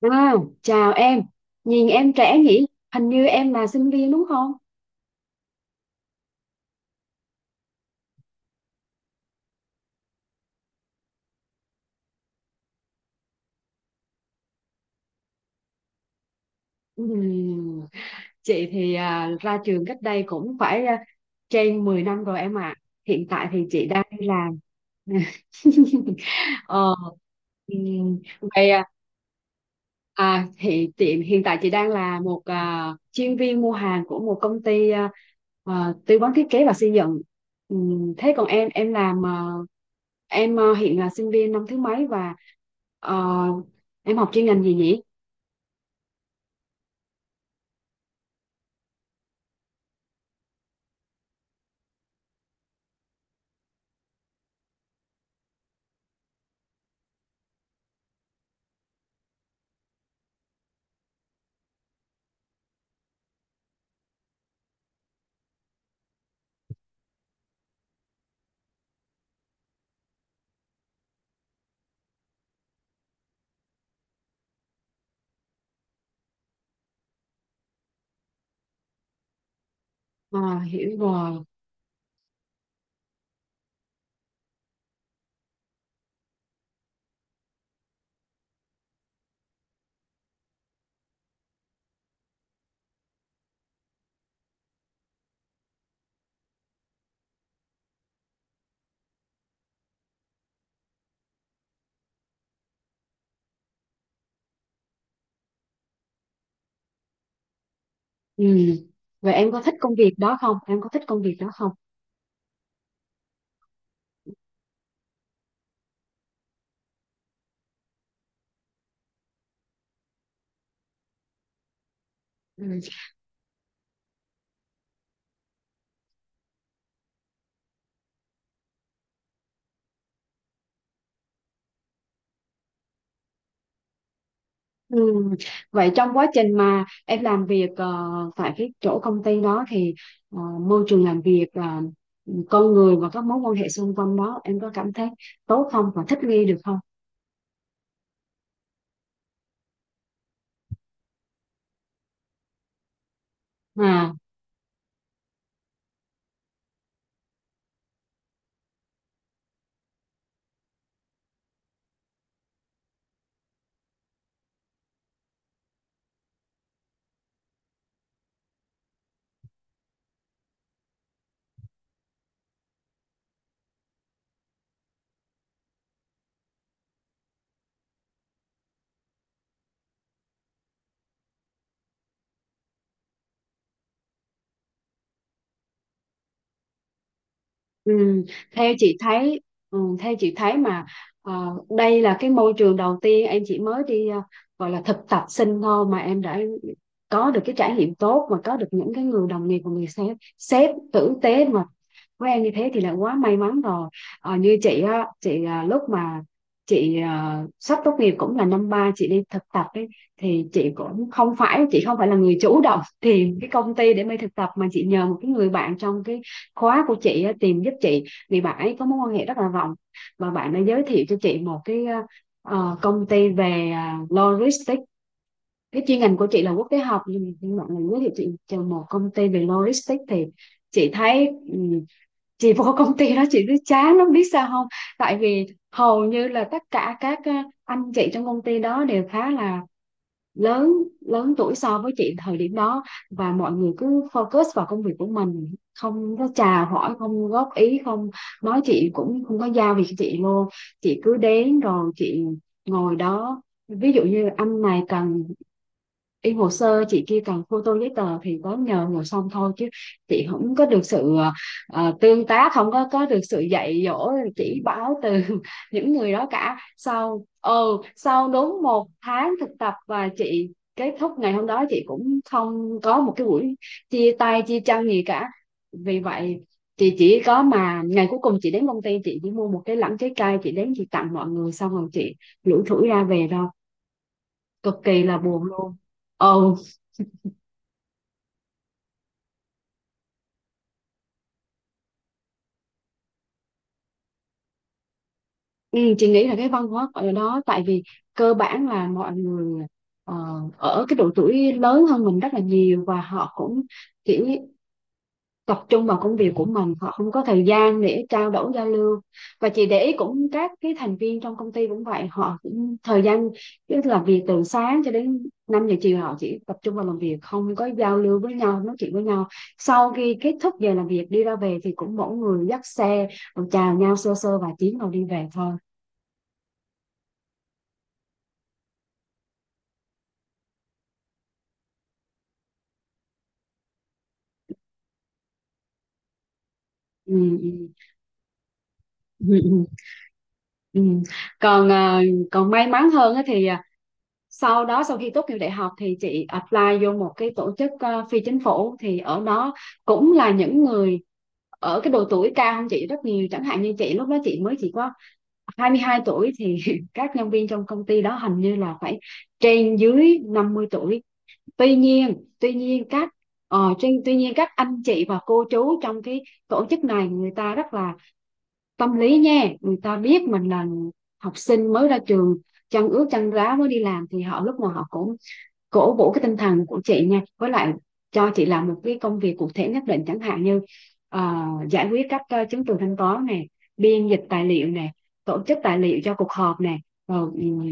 Wow, chào em. Nhìn em trẻ nhỉ? Hình như em là sinh viên đúng không? Ừm, Chị thì ra trường cách đây cũng phải trên 10 năm rồi em ạ. Hiện tại thì chị đang đi làm. Ờ, vậy À thì tiệm hiện tại chị đang là một chuyên viên mua hàng của một công ty tư vấn thiết kế và xây dựng. Thế còn em làm hiện là sinh viên năm thứ mấy và ờ, em học chuyên ngành gì nhỉ? À, hiểu rồi. Ừm. Vậy em có thích công việc đó không? Ừ. Ừ. Vậy trong quá trình mà em làm việc tại cái chỗ công ty đó thì ờ, môi trường làm việc là con người và các mối quan hệ xung quanh đó em có cảm thấy tốt không và thích nghi được không? À, ừ. Theo chị thấy, theo chị thấy mà ờ, đây là cái môi trường đầu tiên em chỉ mới đi gọi là thực tập sinh thôi mà em đã có được cái trải nghiệm tốt và có được những cái người đồng nghiệp và người sếp sếp tử tế, và với em như thế thì là quá may mắn rồi. Ờ, như chị á, lúc mà sắp tốt nghiệp cũng là năm ba chị đi thực tập ấy, thì chị cũng không phải, là người chủ động tìm cái công ty để mới thực tập, mà chị nhờ một cái người bạn trong cái khóa của chị á, tìm giúp chị, vì bạn ấy có mối quan hệ rất là rộng, và bạn đã giới thiệu cho chị một cái công ty về logistics. Cái chuyên ngành của chị là quốc tế học nhưng mà bạn này giới thiệu chị cho một công ty về logistics, thì chị thấy ừm, chị vô công ty đó chị cứ chán lắm, biết sao không? Tại vì hầu như là tất cả các anh chị trong công ty đó đều khá là lớn, lớn tuổi so với chị thời điểm đó, và mọi người cứ focus vào công việc của mình, không có chào hỏi, không góp ý, không nói, chị cũng không có giao việc cho chị luôn. Chị cứ đến rồi chị ngồi đó, ví dụ như anh này cần in hồ sơ, chị kia cần photo giấy tờ thì có nhờ, ngồi xong thôi, chứ chị không có được sự tương tác, không có được sự dạy dỗ chỉ bảo từ những người đó cả. Sau sau đúng 1 tháng thực tập, và chị kết thúc ngày hôm đó, chị cũng không có một cái buổi chia tay chia chân gì cả. Vì vậy, chị chỉ có mà ngày cuối cùng chị đến công ty, chị chỉ mua một cái lẵng trái cây, chị đến chị tặng mọi người xong rồi chị lủi thủi ra về thôi. Cực kỳ là buồn luôn. Ừ. Ừ, chị nghĩ là cái văn hóa ở đó, tại vì cơ bản là mọi người ờ, ở cái độ tuổi lớn hơn mình rất là nhiều, và họ cũng chỉ tập trung vào công việc của mình, họ không có thời gian để trao đổi giao lưu. Và chị để ý cũng các cái thành viên trong công ty cũng vậy, họ cũng thời gian, tức là việc từ sáng cho đến 5 giờ chiều họ chỉ tập trung vào làm việc, không có giao lưu với nhau nói chuyện với nhau. Sau khi kết thúc giờ làm việc đi ra về thì cũng mỗi người dắt xe rồi chào nhau sơ sơ vài tiếng rồi đi về thôi. Ừ. Ừ. Ừ, ừ, ừ. Còn còn may mắn hơn á thì sau đó, sau khi tốt nghiệp đại học thì chị apply vô một cái tổ chức phi chính phủ, thì ở đó cũng là những người ở cái độ tuổi cao hơn chị rất nhiều. Chẳng hạn như chị lúc đó chị mới chỉ có 22 tuổi thì các nhân viên trong công ty đó hình như là phải trên dưới 50 tuổi. Tuy nhiên, tuy nhiên các anh chị và cô chú trong cái tổ chức này người ta rất là tâm lý nha. Người ta biết mình là học sinh mới ra trường, chân ướt chân ráo mới đi làm, thì họ lúc nào họ cũng cổ vũ cái tinh thần của chị nha. Với lại, cho chị làm một cái công việc cụ thể nhất định, chẳng hạn như ờ, giải quyết các chứng từ thanh toán này, biên dịch tài liệu này, tổ chức tài liệu cho cuộc họp này, rồi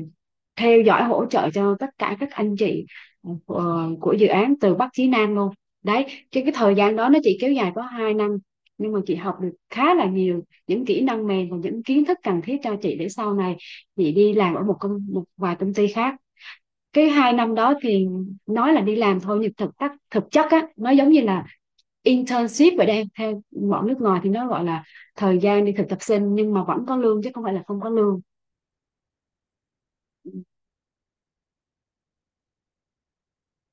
theo dõi hỗ trợ cho tất cả các anh chị của dự án từ Bắc chí Nam luôn. Đấy, cái thời gian đó nó chỉ kéo dài có 2 năm, nhưng mà chị học được khá là nhiều những kỹ năng mềm và những kiến thức cần thiết cho chị, để sau này chị đi làm ở một công, một vài công ty khác. Cái 2 năm đó thì nói là đi làm thôi, nhưng thực chất á nó giống như là internship vậy. Đây theo bọn nước ngoài thì nó gọi là thời gian đi thực tập sinh, nhưng mà vẫn có lương chứ không phải là không có lương.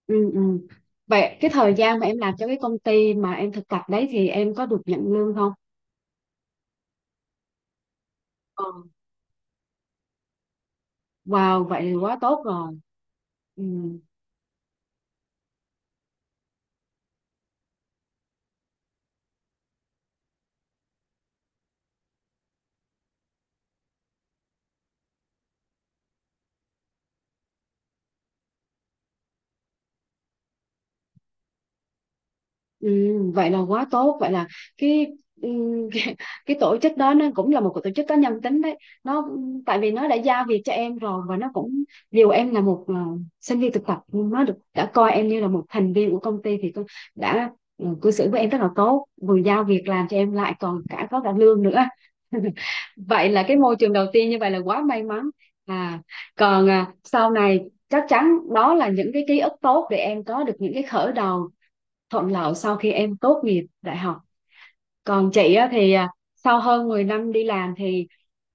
Ừ, ừ. Vậy cái thời gian mà em làm cho cái công ty mà em thực tập đấy thì em có được nhận lương không? Ừ. Wow, vậy thì quá tốt rồi. Ừ. Ừ, vậy là quá tốt. Vậy là cái, ừ, cái, cái tổ chức đó nó cũng là một cái tổ chức có nhân tính đấy. Nó, tại vì nó đã giao việc cho em rồi, và nó cũng, dù em là một sinh viên thực tập, nhưng nó được đã coi em như là một thành viên của công ty, thì tôi đã, cư xử với em rất là tốt, vừa giao việc làm cho em lại còn có cả lương nữa. Vậy là cái môi trường đầu tiên như vậy là quá may mắn. À, còn sau này chắc chắn đó là những cái ký ức tốt để em có được những cái khởi đầu thuận lợi sau khi em tốt nghiệp đại học. Còn chị á, thì sau hơn 10 năm đi làm thì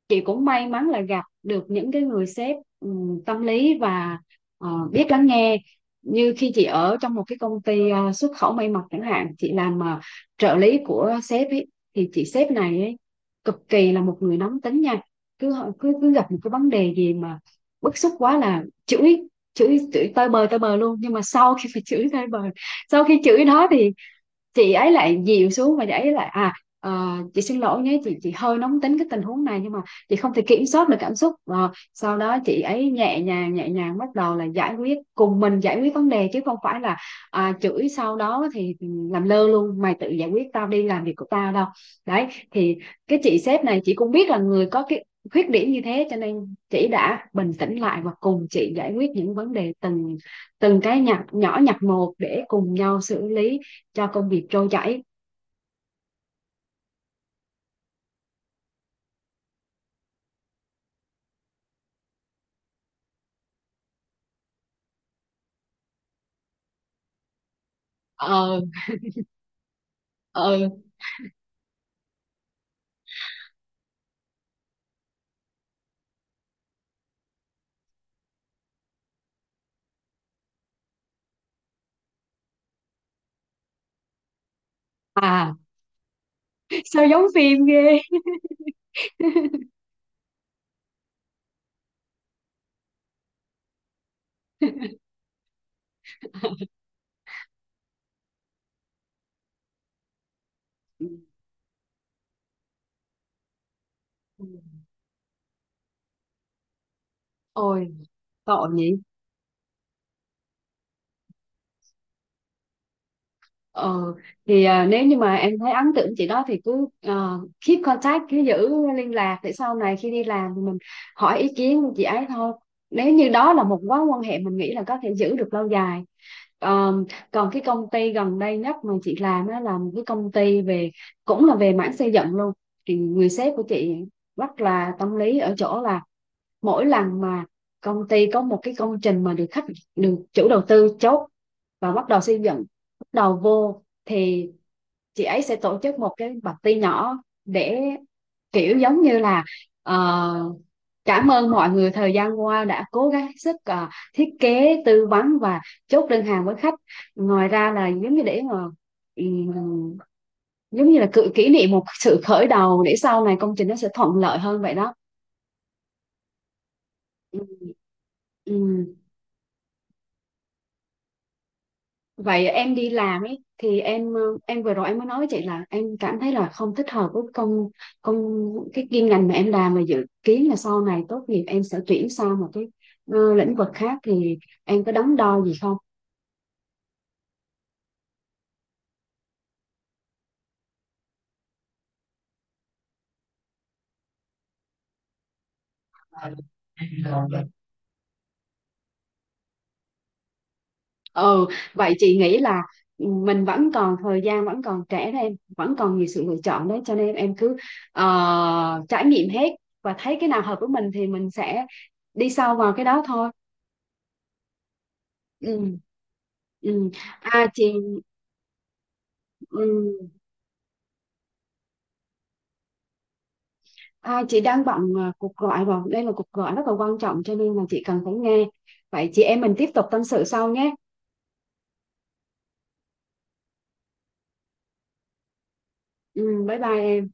chị cũng may mắn là gặp được những cái người sếp tâm lý và biết lắng nghe. Như khi chị ở trong một cái công ty xuất khẩu may mặc chẳng hạn, chị làm trợ lý của sếp ấy, thì chị sếp này ấy, cực kỳ là một người nóng tính nha. Cứ ờ, cứ cứ gặp một cái vấn đề gì mà bức xúc quá là chửi, chửi tơi bời, tơi bời luôn. Nhưng mà sau khi phải chửi tơi bời, sau khi chửi đó thì chị ấy lại dịu xuống, và chị ấy lại chị xin lỗi nhé, chị hơi nóng tính cái tình huống này nhưng mà chị không thể kiểm soát được cảm xúc. Ờ, sau đó chị ấy nhẹ nhàng, nhẹ nhàng bắt đầu là giải quyết cùng mình, giải quyết vấn đề, chứ không phải là chửi sau đó thì làm lơ luôn, mày tự giải quyết, tao đi làm việc của tao đâu. Đấy thì cái chị sếp này chị cũng biết là người có cái khuyết điểm như thế, cho nên chị đã bình tĩnh lại và cùng chị giải quyết những vấn đề từng từng cái nhặt nhỏ, nhặt một để cùng nhau xử lý cho công việc trôi chảy. Ờ. Ờ. À, sao giống phim ghê. Ừ. Ôi, tội nhỉ. Ờ, thì nếu như mà em thấy ấn tượng chị đó thì cứ keep contact, cứ giữ liên lạc, để sau này khi đi làm thì mình hỏi ý kiến của chị ấy thôi, nếu như đó là một mối quan hệ mình nghĩ là có thể giữ được lâu dài. Ờ, còn cái công ty gần đây nhất mà chị làm đó là một cái công ty về, cũng là về mảng xây dựng luôn, thì người sếp của chị rất là tâm lý ở chỗ là mỗi lần mà công ty có một cái công trình mà được khách, được chủ đầu tư chốt và bắt đầu xây dựng, bắt đầu vô thì chị ấy sẽ tổ chức một cái party nhỏ, để kiểu giống như là ờ, cảm ơn mọi người thời gian qua đã cố gắng hết sức thiết kế tư vấn và chốt đơn hàng với khách. Ngoài ra là giống như để mà ừm, giống như là cự kỷ niệm một sự khởi đầu để sau này công trình nó sẽ thuận lợi hơn vậy đó. Ừm. Ừ. Vậy em đi làm ấy thì em, em vừa rồi em mới nói với chị là em cảm thấy là không thích hợp với công công cái chuyên ngành mà em làm, và dự kiến là sau này tốt nghiệp em sẽ chuyển sang một cái lĩnh vực khác, thì em có đắn đo gì không? Ừ, vậy chị nghĩ là mình vẫn còn thời gian, vẫn còn trẻ đó em, vẫn còn nhiều sự lựa chọn đấy, cho nên em cứ trải nghiệm hết và thấy cái nào hợp với mình thì mình sẽ đi sâu vào cái đó thôi. Ừ. Ừ. À chị ừ. À, chị đang bận cuộc gọi rồi. Đây là cuộc gọi rất là quan trọng cho nên là chị cần phải nghe. Vậy chị em mình tiếp tục tâm sự sau nhé. Ừ, bye bye em.